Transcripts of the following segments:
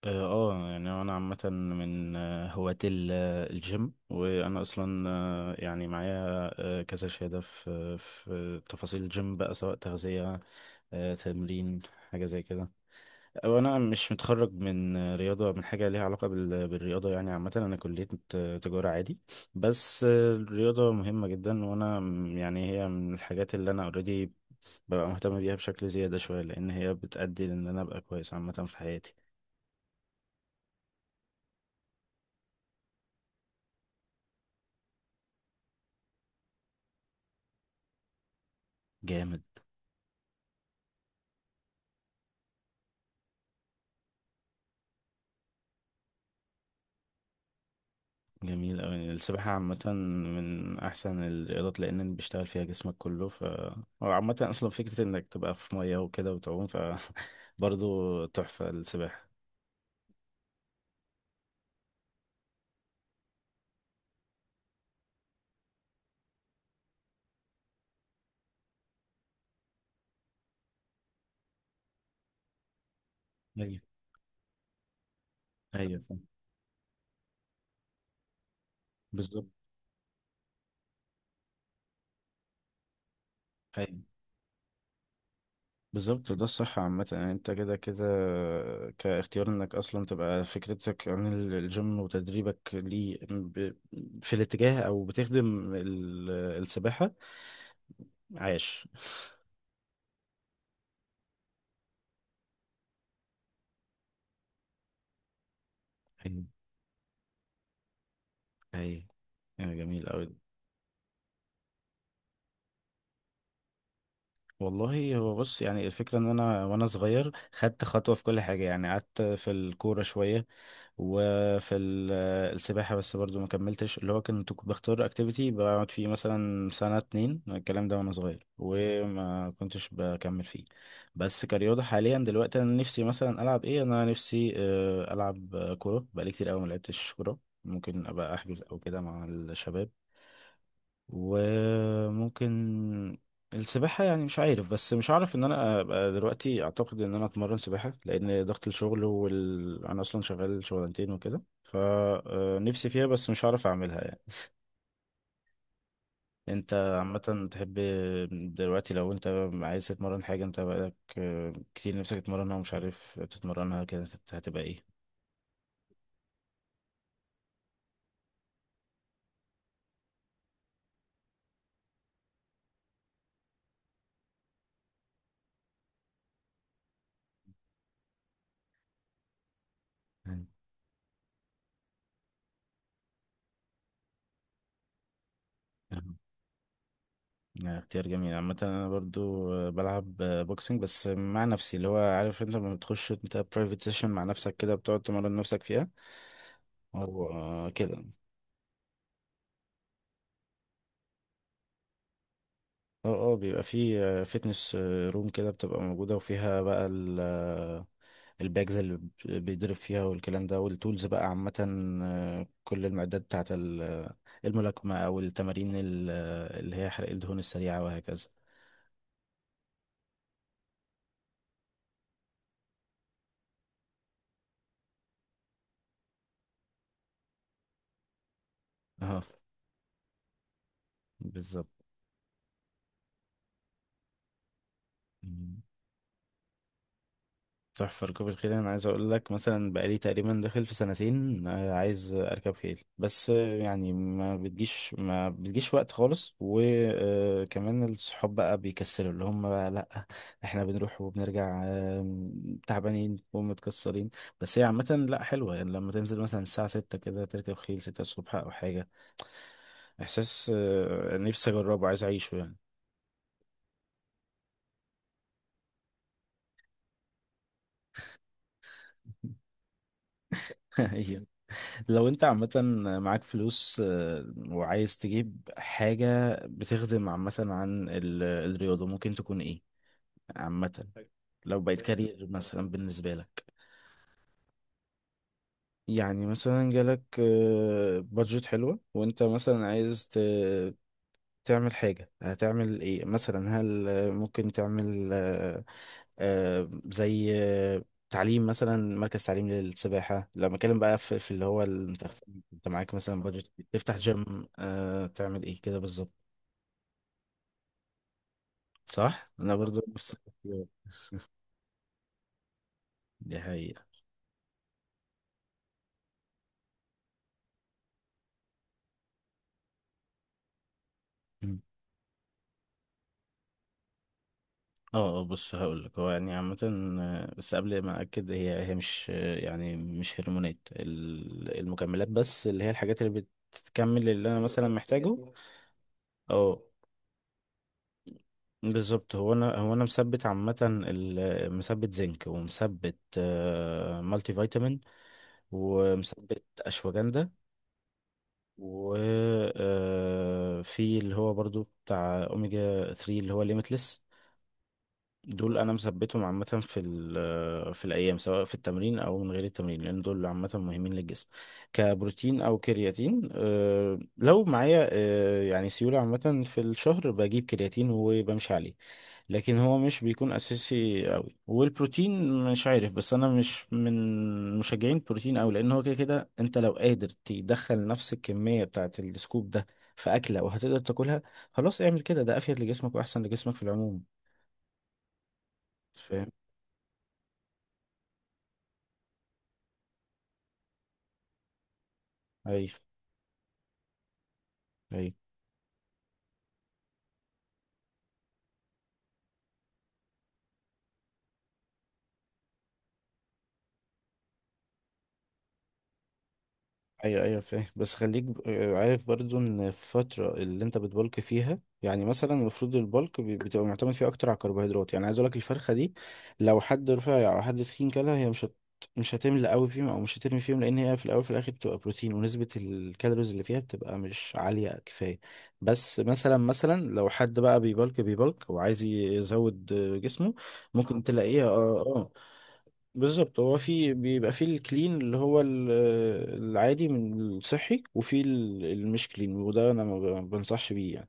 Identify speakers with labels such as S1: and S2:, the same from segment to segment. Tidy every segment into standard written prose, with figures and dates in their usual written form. S1: يعني انا عامه من هواة الجيم، وانا اصلا يعني معايا كذا شهاده في تفاصيل الجيم بقى، سواء تغذيه، تمرين، حاجه زي كده. وانا مش متخرج من رياضه، من حاجه ليها علاقه بالرياضه. يعني عامه انا كليه تجاره عادي. بس الرياضه مهمه جدا، وانا يعني هي من الحاجات اللي انا اوريدي ببقى مهتم بيها بشكل زياده شويه، لان هي بتأدي لان انا ابقى كويس عامه في حياتي. جامد. جميل أوي السباحة عامة، من أحسن الرياضات لأن بيشتغل فيها جسمك كله. هو عامة أصلا فكرة إنك تبقى في مية وكده وتعوم برضه تحفة السباحة. أيوة. أيوه فاهم. بالظبط. أيوه، بالظبط، ده الصح عامة. يعني أنت كده كده كاختيار إنك أصلا تبقى فكرتك عن الجيم وتدريبك ليه في الاتجاه، أو بتخدم السباحة. عاش. أيوه، أيوه، جميل أوي. والله هو بص، يعني الفكرة ان انا وانا صغير خدت خطوة في كل حاجة، يعني قعدت في الكورة شوية، وفي السباحة، بس برضو ما كملتش. اللي هو كنت بختار اكتيفيتي بقعد فيه مثلا سنة اتنين، الكلام ده وانا صغير، وما كنتش بكمل فيه. بس كرياضة حاليا دلوقتي انا نفسي مثلا العب ايه، انا نفسي العب كورة، بقالي كتير قوي ما لعبتش كورة. ممكن ابقى احجز او كده مع الشباب. وممكن السباحة، يعني مش عارف، بس مش عارف ان انا ابقى دلوقتي. اعتقد ان انا اتمرن سباحة، لان ضغط الشغل انا اصلا شغال شغلانتين وكده، فنفسي فيها بس مش عارف اعملها يعني. انت عامة تحب دلوقتي، لو انت عايز تتمرن حاجة، انت بقالك كتير نفسك تتمرنها ومش عارف تتمرنها كده، هتبقى ايه. اختيار جميل عامة. أنا برضو بلعب بوكسنج بس مع نفسي، اللي هو عارف، أنت لما بتخش أنت برايفت سيشن مع نفسك كده، بتقعد تمرن نفسك فيها، أو كده. أه أه بيبقى في فيتنس روم كده بتبقى موجودة، وفيها بقى ال آه، الباجز اللي بيضرب فيها، والكلام ده والتولز بقى عامة، كل المعدات بتاعت الملاكمة، أو التمارين اللي هي حرق الدهون السريعة، وهكذا. أه، بالظبط. تحفة ركوب الخيل. أنا عايز أقول لك مثلا بقالي تقريبا داخل في سنتين عايز أركب خيل، بس يعني ما بتجيش ما بتجيش وقت خالص، وكمان الصحاب بقى بيكسلوا، اللي هم بقى لأ. إحنا بنروح وبنرجع تعبانين ومتكسرين. بس هي عامة لأ حلوة، يعني لما تنزل مثلا الساعة 6 كده تركب خيل 6 الصبح أو حاجة. إحساس نفسي أجربه، عايز أعيشه يعني. لو انت عامة معاك فلوس وعايز تجيب حاجة بتخدم عامة عن الرياضة، ممكن تكون ايه عامة حلو. لو بقت إيه، كارير مثلا بالنسبة لك، يعني مثلا جالك بادجت حلوة، وانت مثلا عايز تعمل حاجة، هتعمل ايه مثلا؟ هل ممكن تعمل زي تعليم مثلا، مركز تعليم للسباحة؟ لما اتكلم بقى في اللي هو انت معاك مثلا بادجت، تفتح جيم، تعمل ايه كده بالظبط؟ صح، انا برضو نفس التفكير. دي حقيقة. مم. بص هقول لك. هو يعني عامة بس قبل ما اكد، هي مش يعني مش هرمونات المكملات بس، اللي هي الحاجات اللي بتكمل اللي انا مثلا محتاجه. اه، بالظبط. هو انا مثبت عامه مثبت زنك، ومثبت مالتي فيتامين، ومثبت اشواجندا. و في اللي هو برضو بتاع اوميجا 3، اللي هو ليميتلس. دول انا مثبتهم عامه في في الايام، سواء في التمرين او من غير التمرين، لان دول عامه مهمين للجسم كبروتين او كرياتين. لو معايا يعني سيوله عامه في الشهر، بجيب كرياتين وبمشي عليه. لكن هو مش بيكون اساسي قوي. والبروتين مش عارف، بس انا مش من مشجعين البروتين قوي، لان هو كده كده انت لو قادر تدخل نفس الكميه بتاعه السكوب ده في اكله وهتقدر تاكلها، خلاص اعمل كده، ده افيد لجسمك واحسن لجسمك في العموم. ايوه، ايوه، ايوه، ايوه، فاهم. بس خليك عارف برضو ان الفترة اللي انت بتبلك فيها، يعني مثلا المفروض البلك بتبقى معتمد فيه اكتر على الكربوهيدرات. يعني عايز اقول لك الفرخة دي، لو حد رفيع او حد تخين، كلها هي مش هتملى قوي فيهم، او مش هترمي فيهم، لان هي في الاول في الاخر بتبقى بروتين، ونسبة الكالوريز اللي فيها بتبقى مش عالية كفاية. بس مثلا لو حد بقى بيبلك بيبلك وعايز يزود جسمه، ممكن تلاقيها. اه، اه، بالظبط. هو في بيبقى في الكلين، اللي هو العادي من الصحي، وفي المش كلين، وده انا ما بنصحش بيه يعني.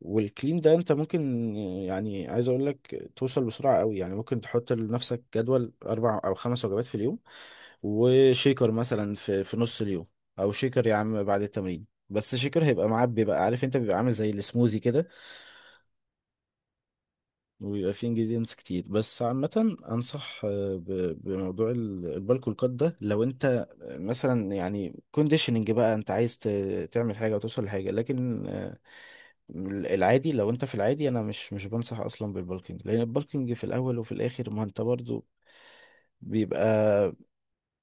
S1: والكلين ده انت ممكن، يعني عايز اقول لك توصل بسرعة قوي، يعني ممكن تحط لنفسك جدول 4 او 5 وجبات في اليوم، وشيكر مثلا في نص اليوم، او شيكر يا عم بعد التمرين. بس شيكر هيبقى معاه، بيبقى عارف انت بيبقى عامل زي السموذي كده، ويبقى فيه انجريدينتس كتير. بس عامة انصح بموضوع البالكو الكات ده، لو انت مثلا يعني كونديشننج بقى، انت عايز تعمل حاجة وتوصل لحاجة، لكن العادي، لو انت في العادي انا مش بنصح اصلا بالبالكينج، لان البالكينج في الاول وفي الاخر، ما انت برضو بيبقى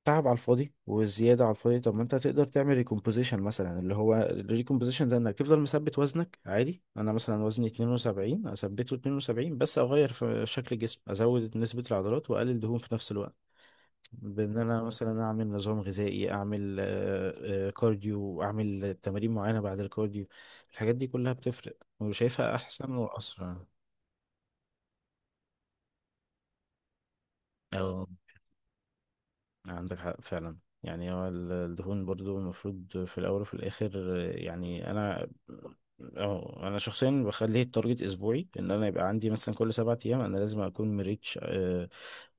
S1: تعب على الفاضي والزياده على الفاضي. طب ما انت تقدر تعمل ريكومبوزيشن مثلا، اللي هو الريكومبوزيشن ده انك تفضل مثبت وزنك عادي. انا مثلا وزني 72، اثبته 72، بس اغير في شكل الجسم، ازود نسبه العضلات واقلل دهون في نفس الوقت، بان انا مثلا اعمل نظام غذائي، اعمل كارديو، اعمل تمارين معينه بعد الكارديو. الحاجات دي كلها بتفرق، وشايفها احسن واسرع. عندك حق فعلا. يعني هو الدهون برضو المفروض في الأول وفي الآخر يعني أنا شخصيا بخليه التارجت أسبوعي، إن أنا يبقى عندي مثلا كل 7 أيام أنا لازم أكون مريتش آه،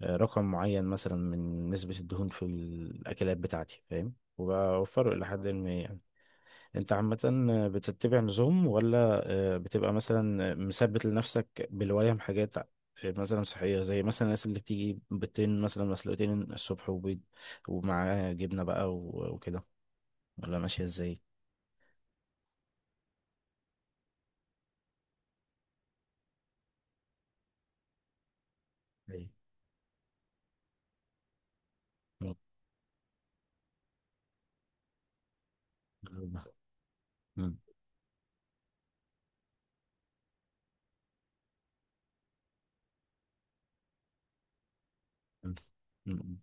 S1: آه، رقم معين مثلا من نسبة الدهون في الأكلات بتاعتي، فاهم، وبوفره إلى حد ما يعني. انت عامة بتتبع نظام، ولا بتبقى مثلا مثبت لنفسك بالولاية من حاجات مثلا صحية، زي مثلا الناس اللي بتيجي بيضتين مثلا مسلوقتين الصبح، وبيض ومعاه جبنة بقى وكده، ولا ماشية ازاي؟ ايوه. مم. مم. مم. مم.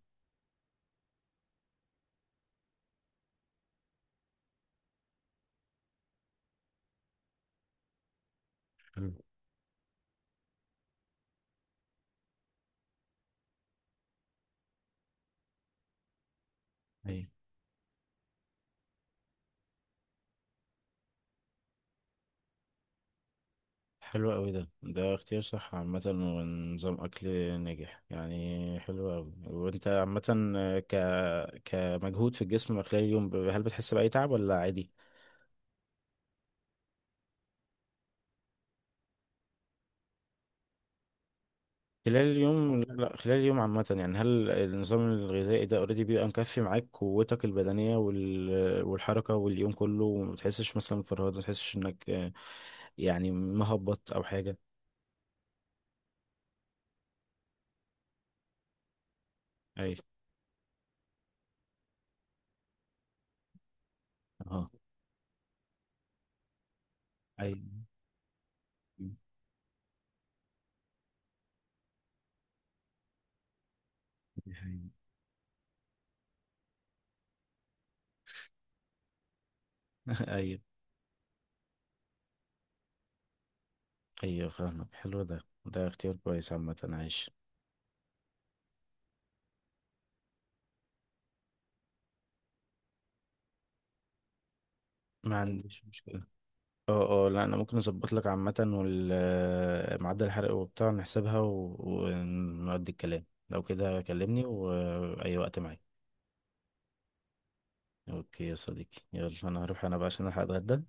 S1: حلو. ايوه. حلو قوي، ده اختيار صح عامة ونظام أكل ناجح يعني، حلو قوي. وانت عامة آه، ك كمجهود في الجسم خلال اليوم، هل بتحس بأي تعب ولا عادي؟ خلال اليوم، لا، لا، خلال اليوم عامة، يعني هل النظام الغذائي ده اوريدي بيبقى مكفي معاك قوتك البدنية والحركة واليوم كله، وما تحسش مثلا بفرهدة، ما تحسش انك يعني مهبط او حاجة. اي، اه، اي، اي. ايوه، ايوه فاهمك، حلو ده اختيار كويس عامة، عايش. ما عنديش مشكلة. اه، اه، لا انا ممكن اظبط لك عامة، وال معدل الحرق وبتاع نحسبها ونودي الكلام. لو كده كلمني وأي وقت معاك. اوكي يا صديقي، يلا انا هروح انا بقى عشان الحق اتغدى.